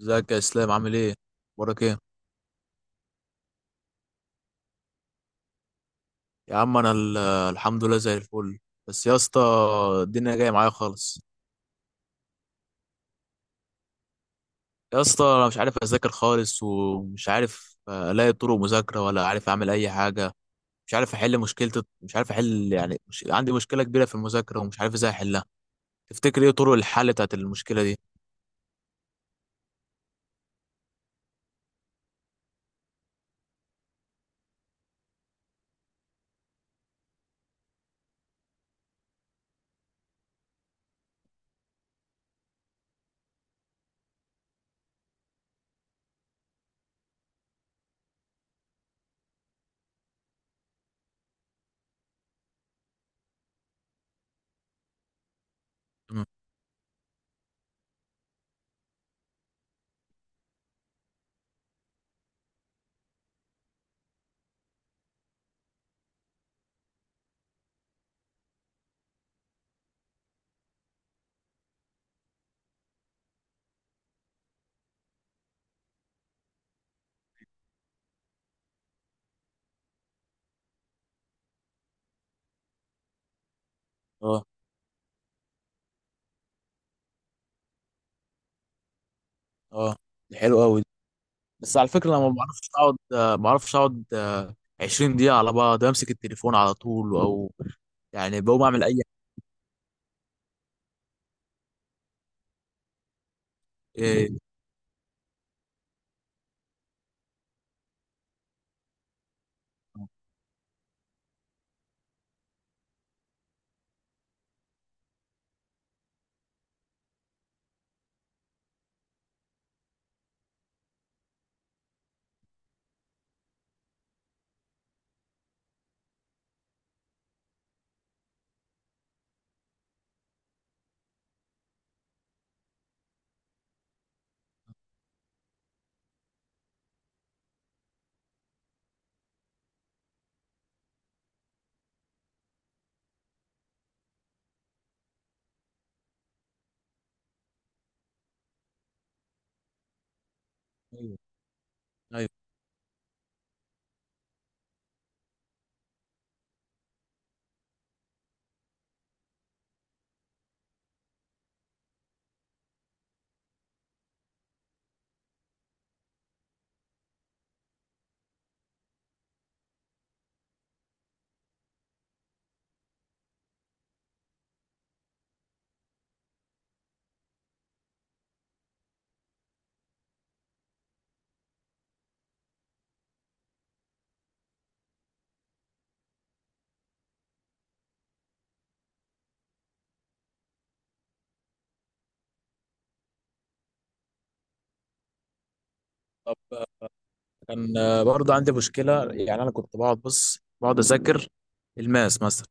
ازيك يا اسلام؟ عامل ايه؟ اخبارك ايه؟ يا عم انا الحمد لله زي الفل. بس يا اسطى الدنيا جايه معايا خالص. يا اسطى انا مش عارف اذاكر خالص ومش عارف الاقي طرق مذاكره ولا عارف اعمل اي حاجه. مش عارف احل مشكله. مش عارف احل، يعني مش، عندي مشكله كبيره في المذاكره ومش عارف ازاي احلها. تفتكر ايه طرق الحل بتاعت المشكله دي؟ مم. اه، اه، دي حلوه قوي. بس على فكره انا ما بعرفش اقعد 20 دقيقه على بعض، امسك التليفون على طول، او يعني بقوم اعمل اي. ايوه، ايوه. طب كان برضه عندي مشكله، يعني انا كنت بقعد بص بقعد اذاكر الماس مثلا،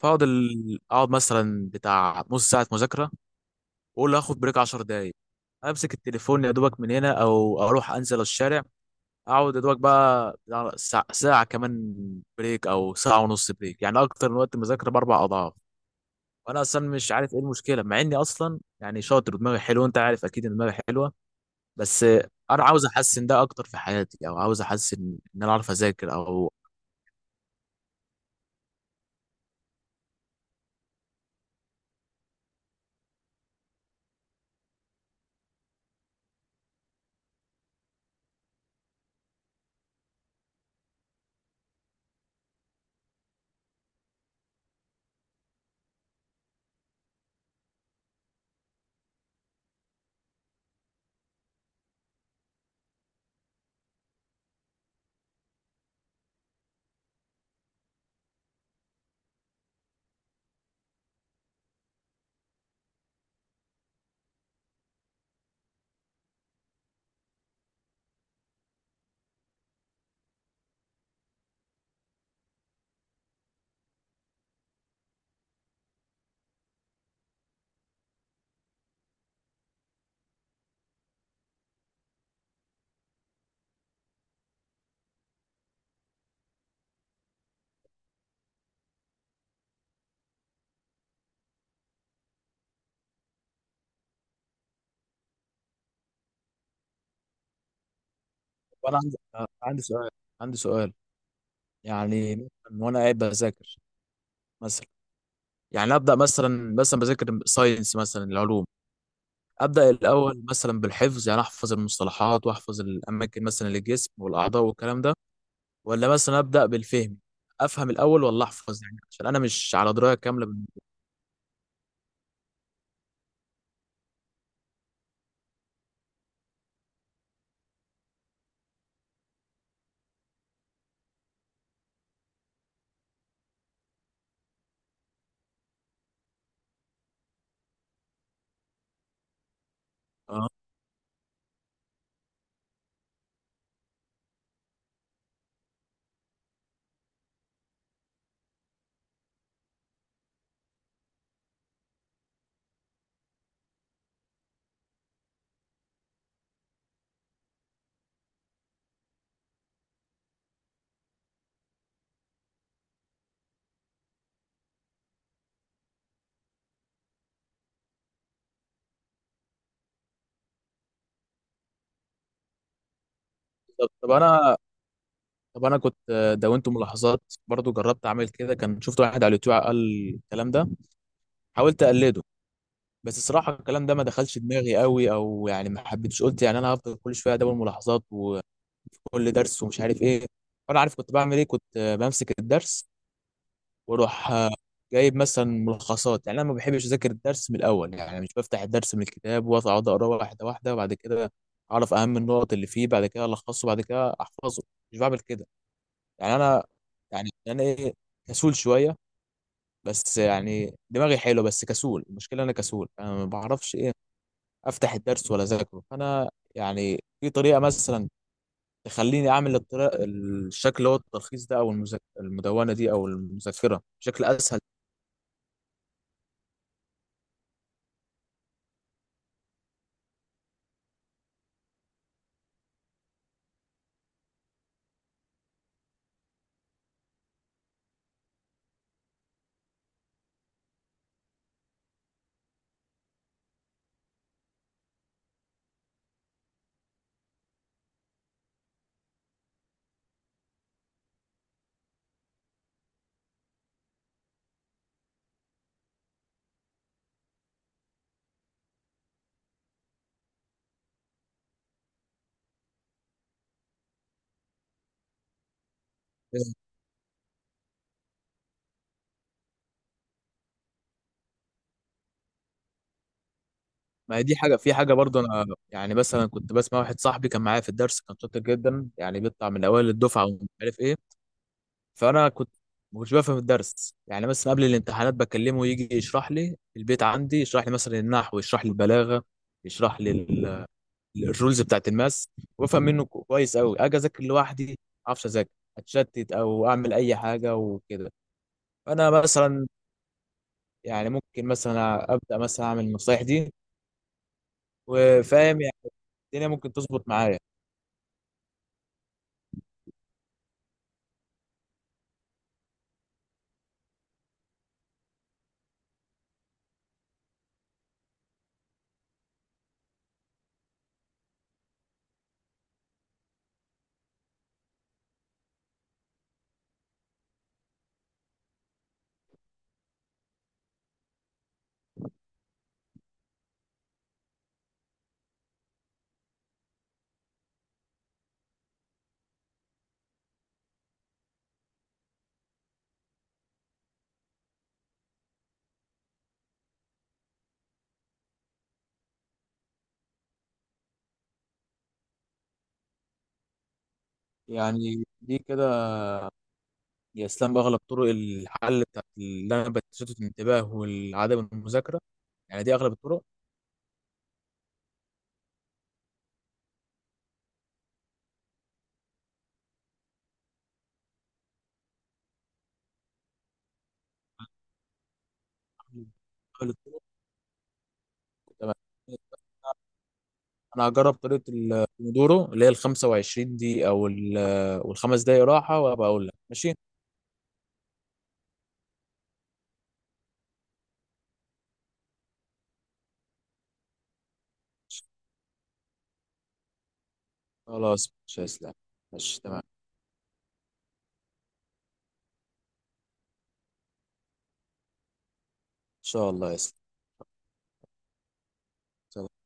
فاقعد اقعد مثلا بتاع نص ساعه مذاكره، واقول هاخد بريك 10 دقائق، امسك التليفون يا دوبك من هنا او اروح انزل الشارع، اقعد يا دوبك بقى بتاع ساعه ساعة كمان بريك، او ساعه ونص بريك، يعني اكتر من وقت المذاكره باربع اضعاف. وانا اصلا مش عارف ايه المشكله، مع اني اصلا يعني شاطر ودماغي حلوه، انت عارف اكيد ان دماغي حلوه. بس انا عاوز احسن ده اكتر في حياتي، او عاوز احسن ان انا اعرف اذاكر او. وانا عندي سؤال. عندي سؤال. يعني مثلا وانا قاعد بذاكر مثلا. يعني ابدا مثلا بذاكر ساينس مثلا، العلوم. ابدا الاول مثلا بالحفظ، يعني احفظ المصطلحات واحفظ الاماكن مثلا للجسم والاعضاء والكلام ده، ولا مثلا ابدا بالفهم؟ افهم الاول ولا احفظ؟ يعني عشان انا مش على درايه كامله بال-. اه. طب طب انا طب انا كنت دونت ملاحظات برضو، جربت اعمل كده، كان شفت واحد على اليوتيوب قال الكلام ده، حاولت اقلده، بس الصراحه الكلام ده ما دخلش دماغي قوي، او يعني ما حبيتش، قلت يعني انا هفضل كل شويه ادون ملاحظات وكل درس ومش عارف ايه. وانا عارف كنت بعمل ايه، كنت بمسك الدرس، واروح جايب مثلا ملخصات، يعني انا ما بحبش اذاكر الدرس من الاول، يعني مش بفتح الدرس من الكتاب واقعد اقراه واحده واحده وبعد كده اعرف اهم النقط اللي فيه، بعد كده الخصه، بعد كده احفظه. مش بعمل كده. يعني انا يعني انا ايه؟ كسول شويه. بس يعني دماغي حلو بس كسول، المشكله انا كسول، انا ما بعرفش ايه افتح الدرس ولا اذاكره. فانا يعني في طريقه مثلا تخليني اعمل الطريقه، الشكل اللي هو التلخيص ده، او المدونه دي، او المذكره بشكل اسهل؟ ما هي دي حاجه. في حاجه برضه انا يعني مثلا كنت بسمع واحد صاحبي كان معايا في الدرس، كان شاطر جدا، يعني بيطلع من اوائل الدفعه ومش عارف ايه. فانا كنت ما كنتش بفهم الدرس، يعني مثلا قبل الامتحانات بكلمه يجي يشرح لي البيت عندي، يشرح لي مثلا النحو، يشرح لي البلاغه، يشرح لي الرولز بتاعت الماس، وافهم منه كويس قوي، اجي اذاكر لوحدي ما اعرفش اذاكر، اتشتت او اعمل اي حاجه وكده. فانا مثلا يعني ممكن مثلا ابدا مثلا اعمل النصايح دي، وفاهم يعني الدنيا ممكن تظبط معايا. يعني دي كده يا اسلام اغلب طرق الحل بتاعت اللي انا بتشتت الانتباه والعدم المذاكره؟ يعني دي اغلب الطرق؟ الاتنين؟ تمام. انا هجرب طريقه البومودورو اللي هي ال 25 دي، او ال-، والخمس دقايق راحه، وابقى اقول لك ماشي. خلاص، مش هيسلم. ماشي، تمام. ان شاء الله يسلم. سلام.